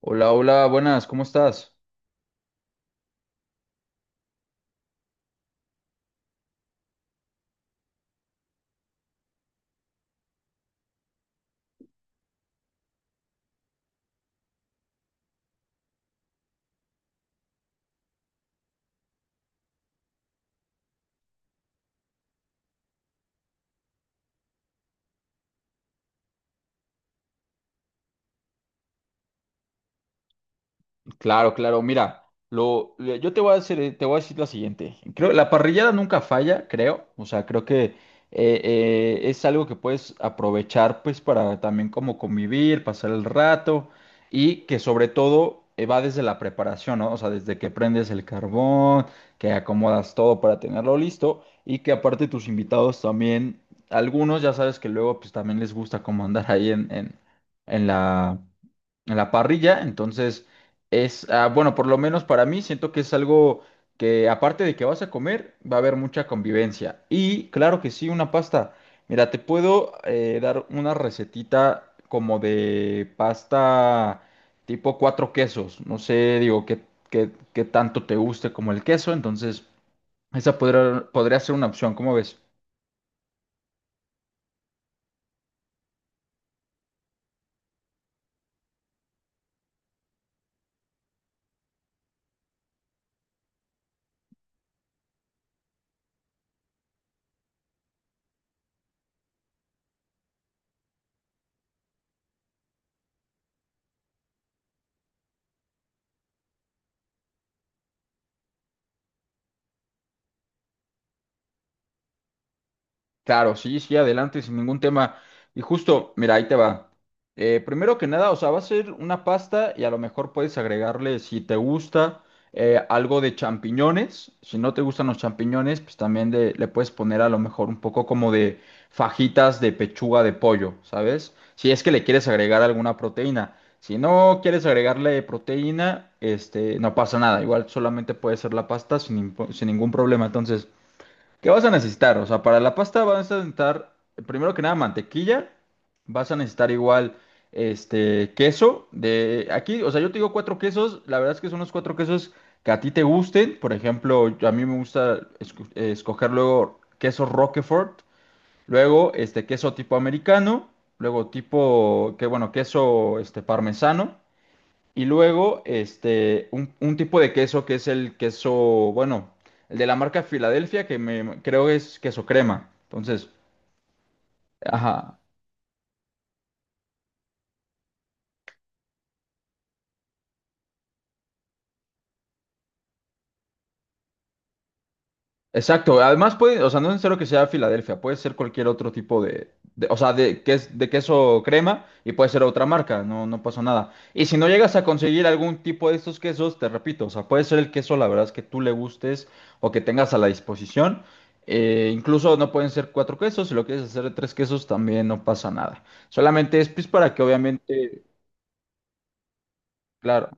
Hola, hola, buenas, ¿cómo estás? Claro, claro, mira, yo te voy a hacer, te voy a decir la siguiente. Creo, la parrillada nunca falla, creo. O sea, creo que es algo que puedes aprovechar, pues, para también como convivir, pasar el rato y que sobre todo va desde la preparación, ¿no? O sea, desde que prendes el carbón, que acomodas todo para tenerlo listo y que aparte tus invitados también, algunos ya sabes que luego, pues, también les gusta como andar ahí en la en la parrilla. Entonces, bueno, por lo menos para mí, siento que es algo que aparte de que vas a comer, va a haber mucha convivencia. Y claro que sí, una pasta. Mira, te puedo dar una recetita como de pasta tipo cuatro quesos. No sé, digo, qué tanto te guste como el queso. Entonces, esa podría ser una opción. ¿Cómo ves? Claro, sí, sí, adelante, sin ningún tema. Y justo, mira, ahí te va. Primero que nada, o sea, va a ser una pasta y a lo mejor puedes agregarle, si te gusta, algo de champiñones. Si no te gustan los champiñones, pues también le puedes poner a lo mejor un poco como de fajitas de pechuga de pollo, ¿sabes? Si es que le quieres agregar alguna proteína. Si no quieres agregarle proteína, este, no pasa nada. Igual solamente puede ser la pasta sin ningún problema. Entonces. ¿Qué vas a necesitar? O sea, para la pasta vas a necesitar, primero que nada, mantequilla. Vas a necesitar igual, este, queso. De aquí, o sea, yo te digo cuatro quesos. La verdad es que son los cuatro quesos que a ti te gusten. Por ejemplo, a mí me gusta escoger luego queso Roquefort. Luego, este, queso tipo americano. Luego tipo, que bueno, queso, este, parmesano. Y luego, este, un tipo de queso que es el queso, bueno, el de la marca Filadelfia, que me creo que es queso crema. Entonces, ajá. Exacto, además puede, o sea, no es necesario que sea Filadelfia, puede ser cualquier otro tipo o sea, de queso crema y puede ser otra marca, no, no pasa nada. Y si no llegas a conseguir algún tipo de estos quesos, te repito, o sea, puede ser el queso, la verdad es que tú le gustes o que tengas a la disposición. Incluso no pueden ser cuatro quesos, si lo quieres hacer de tres quesos también no pasa nada. Solamente es pues para que obviamente. Claro,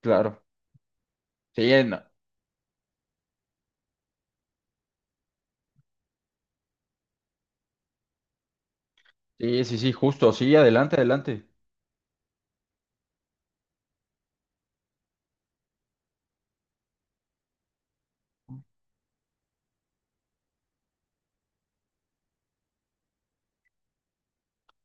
claro, sí, no, sí, sí, sí, justo, sí, adelante, adelante.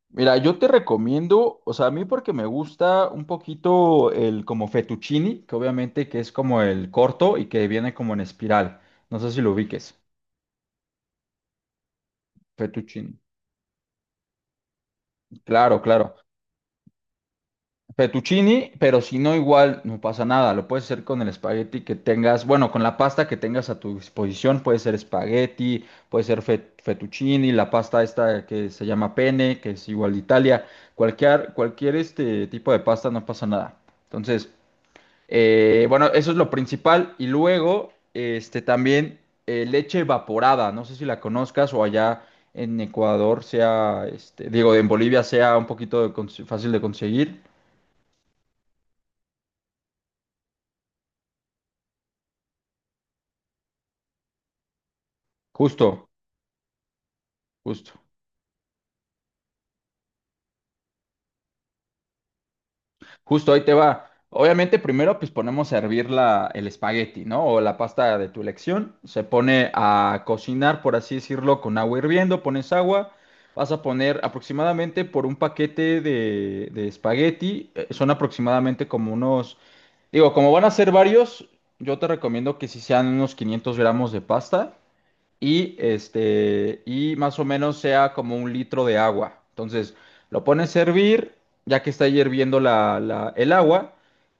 Mira, yo te recomiendo, o sea, a mí porque me gusta un poquito el como fettuccini, que obviamente que es como el corto y que viene como en espiral. No sé si lo ubiques. Fettuccini. Claro, claro. Fettuccini, pero si no, igual no pasa nada. Lo puedes hacer con el espagueti que tengas, bueno, con la pasta que tengas a tu disposición. Puede ser espagueti, puede ser fettuccini, la pasta esta que se llama pene, que es igual de Italia. Cualquier este tipo de pasta no pasa nada. Entonces. Bueno, eso es lo principal. Y luego, este, también leche evaporada. No sé si la conozcas o allá en Ecuador sea, este, digo, en Bolivia sea un poquito de fácil de conseguir. Justo, justo. Justo ahí te va. Obviamente, primero pues ponemos a hervir el espagueti, ¿no? O la pasta de tu elección. Se pone a cocinar, por así decirlo, con agua hirviendo, pones agua. Vas a poner aproximadamente por un paquete de espagueti, son aproximadamente como unos, digo, como van a ser varios, yo te recomiendo que si sean unos 500 gramos de pasta y este y más o menos sea como un litro de agua. Entonces, lo pones a hervir, ya que está ahí hirviendo el agua,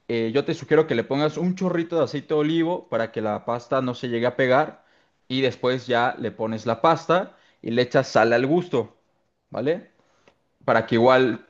yo te sugiero que le pongas un chorrito de aceite de olivo para que la pasta no se llegue a pegar y después ya le pones la pasta y le echas sal al gusto, ¿vale? Para que igual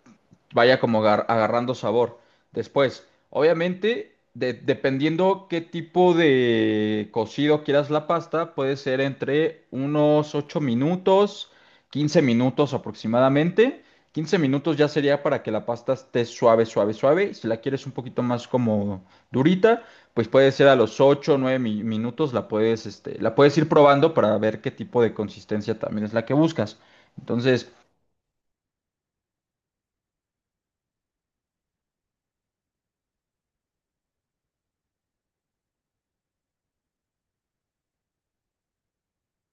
vaya como agarrando sabor. Después, obviamente, dependiendo qué tipo de cocido quieras la pasta, puede ser entre unos 8 minutos, 15 minutos aproximadamente. 15 minutos ya sería para que la pasta esté suave, suave, suave. Si la quieres un poquito más como durita, pues puede ser a los 8 o 9 minutos la puedes, este, la puedes ir probando para ver qué tipo de consistencia también es la que buscas. Entonces,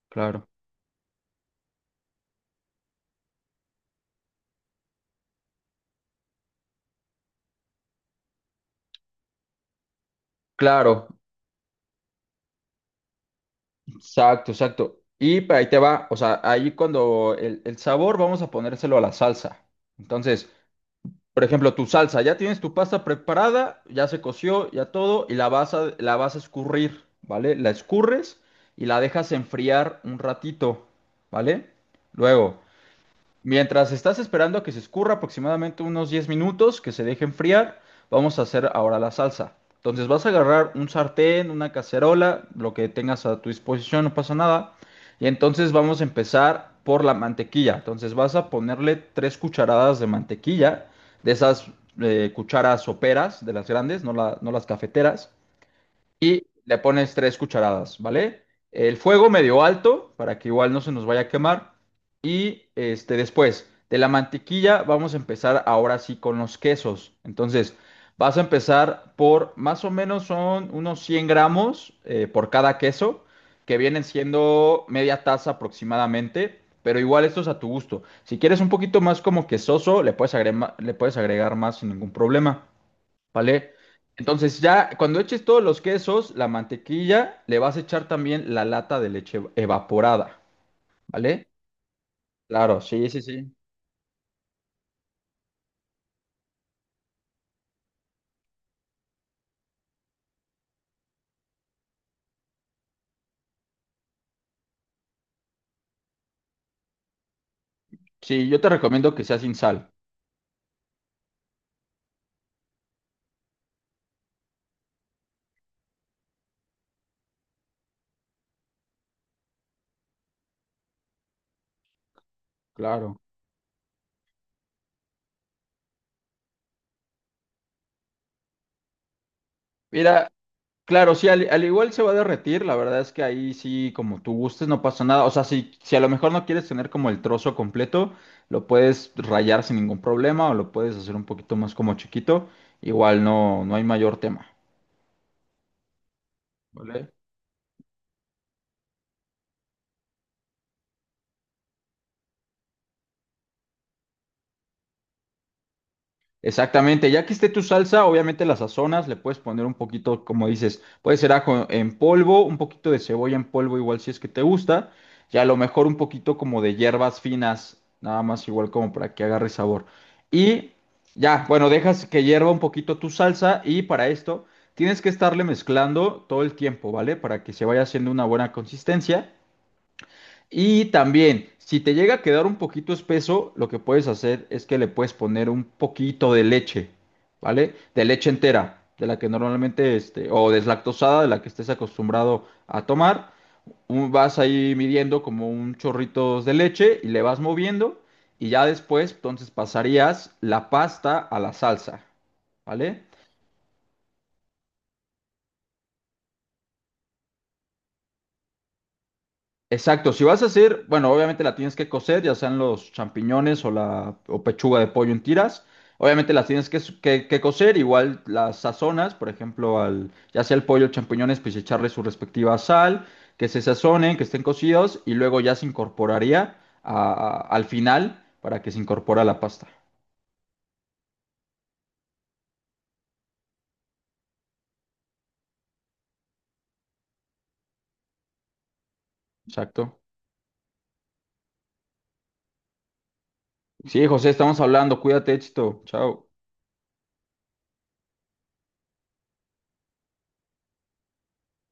claro. Claro, exacto, exacto. Y ahí te va, o sea, ahí cuando el sabor vamos a ponérselo a la salsa. Entonces, por ejemplo, tu salsa, ya tienes tu pasta preparada, ya se coció, ya todo, y la vas a escurrir, ¿vale? La escurres y la dejas enfriar un ratito, ¿vale? Luego, mientras estás esperando a que se escurra aproximadamente unos 10 minutos, que se deje enfriar, vamos a hacer ahora la salsa. Entonces vas a agarrar un sartén, una cacerola, lo que tengas a tu disposición, no pasa nada. Y entonces vamos a empezar por la mantequilla. Entonces vas a ponerle tres cucharadas de mantequilla, de esas cucharas soperas, de las grandes, no, no las cafeteras y le pones tres cucharadas, ¿vale? El fuego medio alto para que igual no se nos vaya a quemar. Y este, después de la mantequilla vamos a empezar ahora sí con los quesos. Entonces vas a empezar por más o menos son unos 100 gramos por cada queso, que vienen siendo media taza aproximadamente. Pero igual esto es a tu gusto. Si quieres un poquito más como quesoso, le puedes agregar más sin ningún problema. ¿Vale? Entonces ya cuando eches todos los quesos, la mantequilla, le vas a echar también la lata de leche evaporada, ¿vale? Claro, sí, sí, sí. Sí, yo te recomiendo que sea sin sal, claro. Mira, claro, sí, al igual se va a derretir, la verdad es que ahí sí, como tú gustes, no pasa nada. O sea, si a lo mejor no quieres tener como el trozo completo, lo puedes rayar sin ningún problema o lo puedes hacer un poquito más como chiquito, igual no, no hay mayor tema, ¿vale? Exactamente, ya que esté tu salsa, obviamente la sazonas, le puedes poner un poquito, como dices, puede ser ajo en polvo, un poquito de cebolla en polvo, igual si es que te gusta, y a lo mejor un poquito como de hierbas finas, nada más igual como para que agarre sabor. Y ya, bueno, dejas que hierva un poquito tu salsa y para esto tienes que estarle mezclando todo el tiempo, ¿vale? Para que se vaya haciendo una buena consistencia. Y también, si te llega a quedar un poquito espeso, lo que puedes hacer es que le puedes poner un poquito de leche, ¿vale? De leche entera, de la que normalmente, este, o deslactosada, de la que estés acostumbrado a tomar. Vas ahí midiendo como un chorrito de leche y le vas moviendo y ya después, entonces pasarías la pasta a la salsa, ¿vale? Exacto, si vas a hacer, bueno, obviamente la tienes que cocer, ya sean los champiñones o pechuga de pollo en tiras. Obviamente las tienes que, cocer, igual las sazonas, por ejemplo, ya sea el pollo o champiñones, pues echarle su respectiva sal, que se sazonen, que estén cocidos y luego ya se incorporaría al final para que se incorpore la pasta. Exacto. Sí, José, estamos hablando, cuídate, éxito, chao.